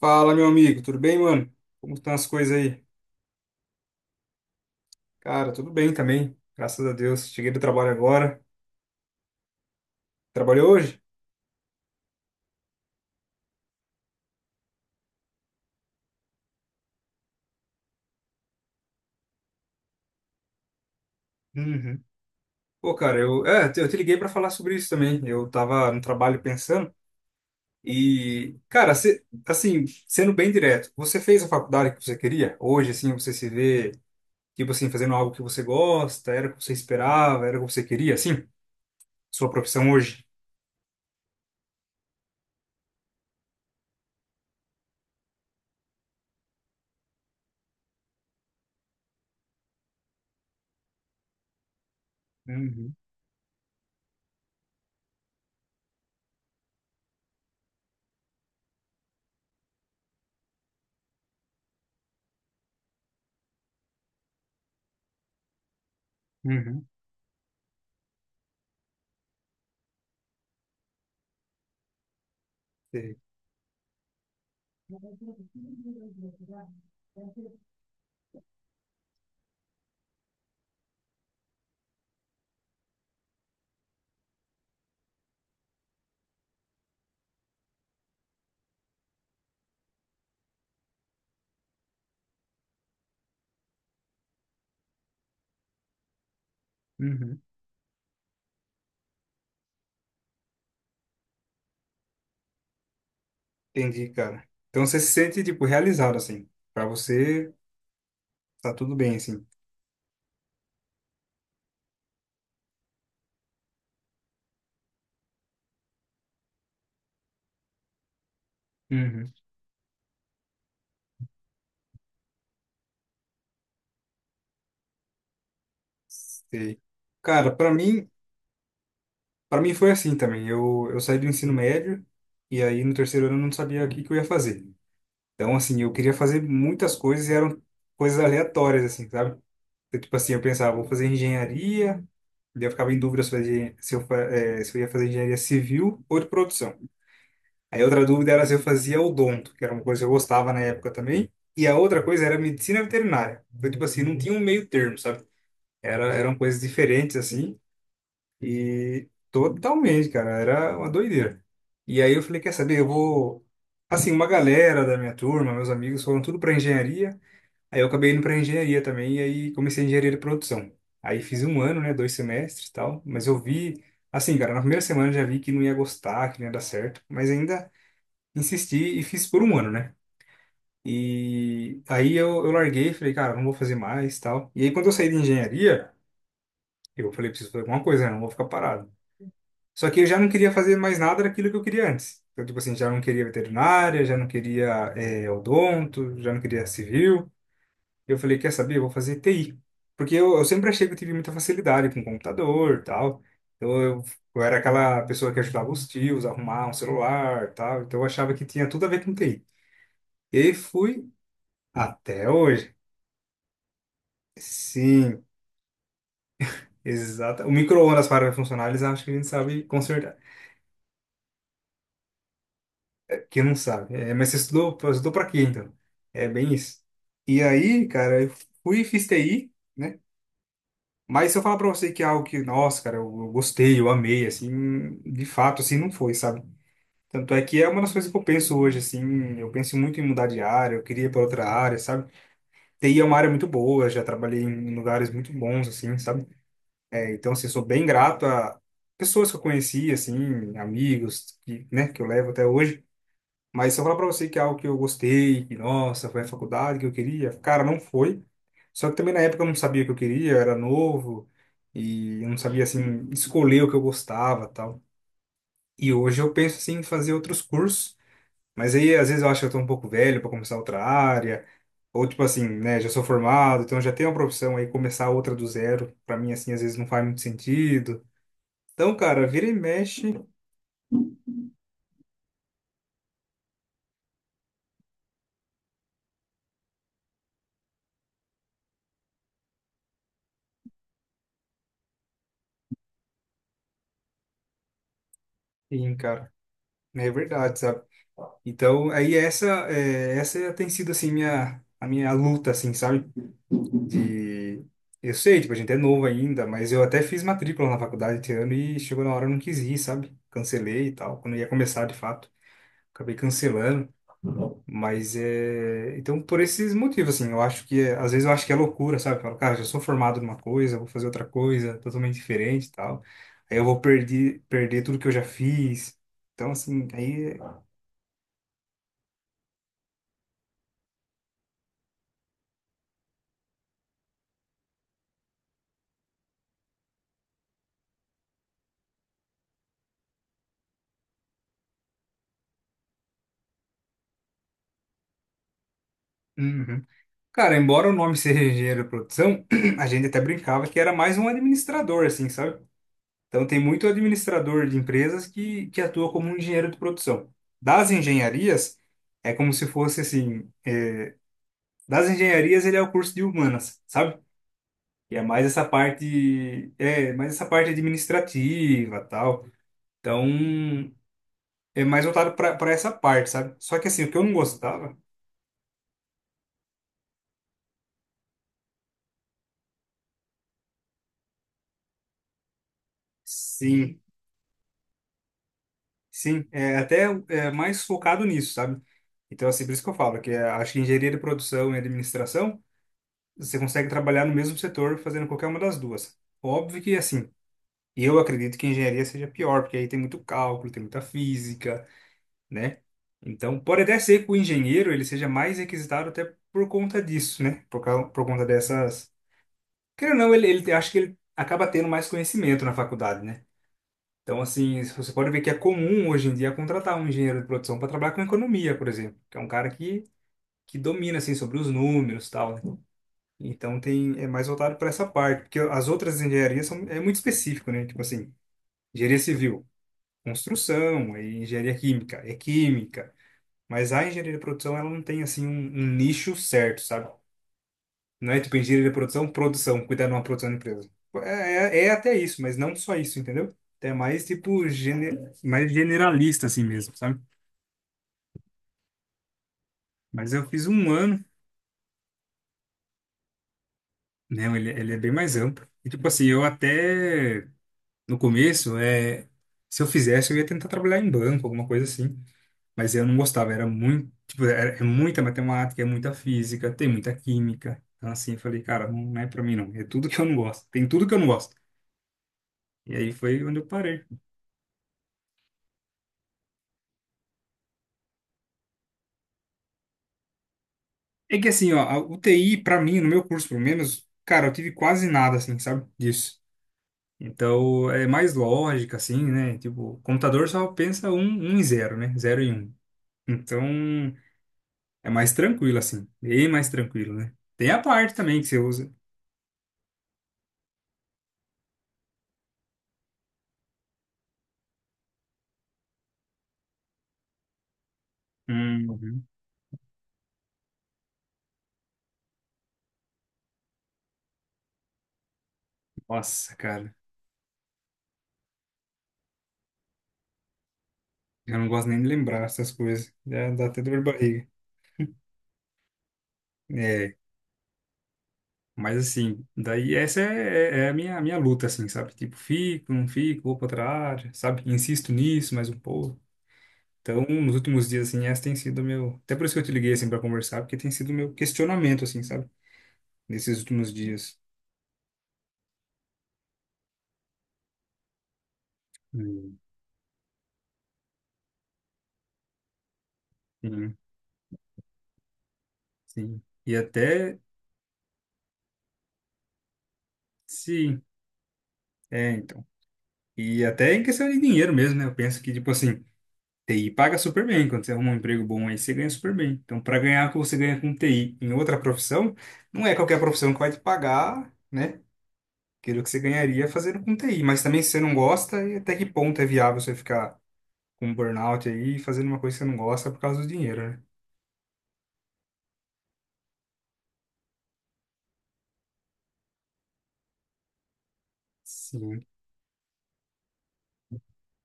Fala, meu amigo, tudo bem, mano? Como estão as coisas aí? Cara, tudo bem também, graças a Deus. Cheguei do trabalho agora. Trabalhou hoje? Uhum. Pô, cara, eu te liguei pra falar sobre isso também. Eu tava no trabalho pensando e, cara, assim, sendo bem direto, você fez a faculdade que você queria? Hoje, assim, você se vê, tipo assim, fazendo algo que você gosta, era o que você esperava, era o que você queria, assim? Sua profissão hoje? Uhum. Uhum. Sei. Uhum. Entendi, cara. Então você se sente, tipo, realizado, assim. Pra você, tá tudo bem, assim. Uhum. Sei. Cara, para mim foi assim também. Eu saí do ensino médio e aí no terceiro ano eu não sabia o que que eu ia fazer. Então, assim, eu queria fazer muitas coisas e eram coisas aleatórias, assim, sabe? Então, tipo assim, eu pensava, vou fazer engenharia, daí eu ficava em dúvida se eu, fazia, se eu, fa- eh, se eu ia fazer engenharia civil ou de produção. Aí outra dúvida era se eu fazia odonto, que era uma coisa que eu gostava na época também. E a outra coisa era medicina veterinária. Então, tipo assim, não tinha um meio termo, sabe? Eram coisas diferentes, assim. E totalmente, cara, era uma doideira. E aí eu falei, quer saber, eu vou. Assim, uma galera da minha turma, meus amigos, foram tudo para engenharia. Aí eu acabei indo para engenharia também, e aí comecei a engenharia de produção. Aí fiz um ano, né, dois semestres e tal. Mas eu vi, assim, cara, na primeira semana eu já vi que não ia gostar, que não ia dar certo. Mas ainda insisti e fiz por um ano, né? E aí eu larguei, falei, cara, não vou fazer mais, tal. E aí quando eu saí de engenharia, eu falei, preciso fazer alguma coisa, né? Não vou ficar parado. Só que eu já não queria fazer mais nada daquilo que eu queria antes. Então, tipo assim, já não queria veterinária, já não queria odonto, já não queria civil. Eu falei, quer saber? Eu vou fazer TI. Porque eu sempre achei que eu tive muita facilidade com computador, tal. Então eu era aquela pessoa que ajudava os tios a arrumar um celular, tal. Então eu achava que tinha tudo a ver com TI. E aí fui. Até hoje. Sim, exato. O micro-ondas para funcionar, eles acham que a gente sabe consertar. Que não sabe. É, mas você estudou, estudou para quê, então? É bem isso. E aí, cara, eu fui e fiz TI, né? Mas se eu falar para você que é algo que, nossa, cara, eu gostei, eu amei, assim, de fato, assim, não foi, sabe? Tanto é que é uma das coisas que eu penso hoje, assim, eu penso muito em mudar de área, eu queria ir para outra área, sabe? TI é uma área muito boa, já trabalhei em lugares muito bons, assim, sabe? É. Então, assim, eu sou bem grato a pessoas que eu conheci, assim, amigos, que, né, que eu levo até hoje. Mas se eu falar pra você que é algo que eu gostei, que, nossa, foi a faculdade que eu queria, cara, não foi. Só que também na época eu não sabia o que eu queria, eu era novo e eu não sabia, assim, escolher o que eu gostava tal. E hoje eu penso, assim, em fazer outros cursos. Mas aí, às vezes, eu acho que eu tô um pouco velho para começar outra área. Ou, tipo assim, né, já sou formado, então já tenho uma profissão aí, começar outra do zero, pra mim, assim, às vezes não faz muito sentido. Então, cara, vira e mexe, sim, cara, é verdade, sabe? Então, aí essa tem sido, assim, a minha luta, assim, sabe? De, eu sei, tipo, a gente é novo ainda, mas eu até fiz matrícula na faculdade esse ano e chegou na hora eu não quis ir, sabe? Cancelei e tal, quando ia começar, de fato, acabei cancelando. Mas é. Então, por esses motivos, assim, eu acho que. É- às vezes eu acho que é loucura, sabe? Eu falo, cara, já sou formado numa coisa, vou fazer outra coisa totalmente diferente e tal. Aí eu vou perder tudo que eu já fiz. Então, assim, aí. Uhum. Cara, embora o nome seja engenheiro de produção, a gente até brincava que era mais um administrador, assim, sabe? Então, tem muito administrador de empresas que atua como um engenheiro de produção. Das engenharias, é como se fosse assim. Das engenharias, ele é o curso de humanas, sabe? E é mais essa parte, mais essa parte administrativa, tal. Então, é mais voltado para essa parte, sabe? Só que assim, o que eu não gostava, sim, sim, é até, é mais focado nisso, sabe? Então, assim, por isso que eu falo que é, acho que engenharia de produção e administração, você consegue trabalhar no mesmo setor fazendo qualquer uma das duas. Óbvio que assim, eu acredito que engenharia seja pior, porque aí tem muito cálculo, tem muita física, né? Então, pode até ser que o engenheiro ele seja mais requisitado até por conta disso, né? Por conta dessas. Querendo ou não, ele, acho que ele acaba tendo mais conhecimento na faculdade, né? Então, assim, você pode ver que é comum hoje em dia contratar um engenheiro de produção para trabalhar com economia, por exemplo, que é um cara que domina, assim, sobre os números e tal, né? Então, tem, é mais voltado para essa parte, porque as outras engenharias são, é muito específico, né? Tipo assim, engenharia civil, construção, aí engenharia química, é química. Mas a engenharia de produção, ela não tem, assim, um nicho certo, sabe? Não é tipo engenharia de produção, produção, cuidar de uma produção de empresa. É até isso, mas não só isso, entendeu? É mais, tipo, mais generalista, assim mesmo, sabe? Mas eu fiz um ano, né? Ele é bem mais amplo. E, tipo assim, eu até, no começo, se eu fizesse, eu ia tentar trabalhar em banco, alguma coisa assim. Mas eu não gostava, era muito, tipo, é muita matemática, é muita física, tem muita química. Então, assim, eu falei, cara, não não é pra mim, não. É tudo que eu não gosto. Tem tudo que eu não gosto. E aí foi onde eu parei. É que, assim, ó, a UTI, pra mim, no meu curso, pelo menos, cara, eu tive quase nada, assim, sabe, disso. Então, é mais lógica, assim, né? Tipo, computador só pensa um e zero, né? Zero e um. Então, é mais tranquilo, assim. Bem mais tranquilo, né? Tem a parte também que você usa. Hum, nossa, cara. Eu não gosto nem de lembrar essas coisas. Dá até dor de barriga. É, mas assim, daí essa é a minha luta, assim, sabe? Tipo, fico, não fico, vou pra outra área, sabe? Insisto nisso mais um pouco. Então, nos últimos dias, assim, essa tem sido o meu. Até por isso que eu te liguei, assim, pra conversar, porque tem sido o meu questionamento, assim, sabe? Nesses últimos dias. Hum. Sim, sim. E até. Sim, então. E até em questão de dinheiro mesmo, né? Eu penso que, tipo assim, TI paga super bem. Quando você arruma um emprego bom aí, você ganha super bem. Então, para ganhar o que você ganha com TI em outra profissão, não é qualquer profissão que vai te pagar, né? Aquilo que você ganharia fazendo com TI. Mas também se você não gosta, e até que ponto é viável você ficar com um burnout aí, fazendo uma coisa que você não gosta por causa do dinheiro, né? Sim,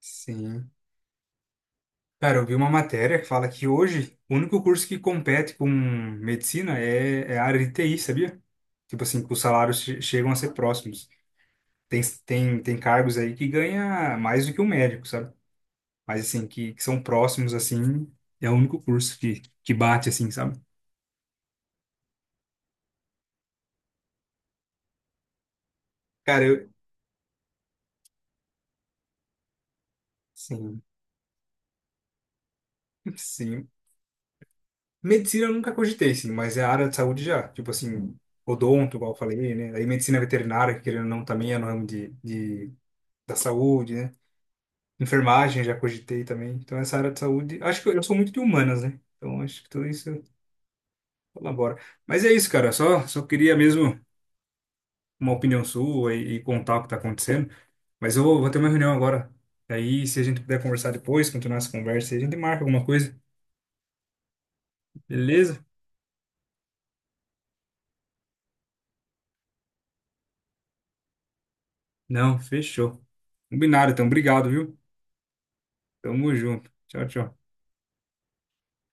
sim. Cara, eu vi uma matéria que fala que hoje o único curso que compete com medicina é a área de TI, sabia? Tipo assim, que os salários chegam a ser próximos. Tem cargos aí que ganha mais do que um médico, sabe? Mas assim, que são próximos, assim, é o único curso que bate, assim, sabe? Cara, eu. Sim, sim. Medicina eu nunca cogitei, sim, mas é a área de saúde já. Tipo assim, odonto, igual eu falei, né? Aí medicina veterinária, que querendo ou não, também é no ramo da saúde, né? Enfermagem já cogitei também. Então, essa área de saúde. Acho que eu sou muito de humanas, né? Então, acho que tudo isso colabora. Mas é isso, cara. Só queria mesmo. Uma opinião sua e contar o que está acontecendo. Mas eu vou ter uma reunião agora. Aí, se a gente puder conversar depois, continuar essa conversa, a gente marca alguma coisa, beleza? Não, fechou. Combinado, então. Obrigado, viu? Tamo junto. Tchau, tchau.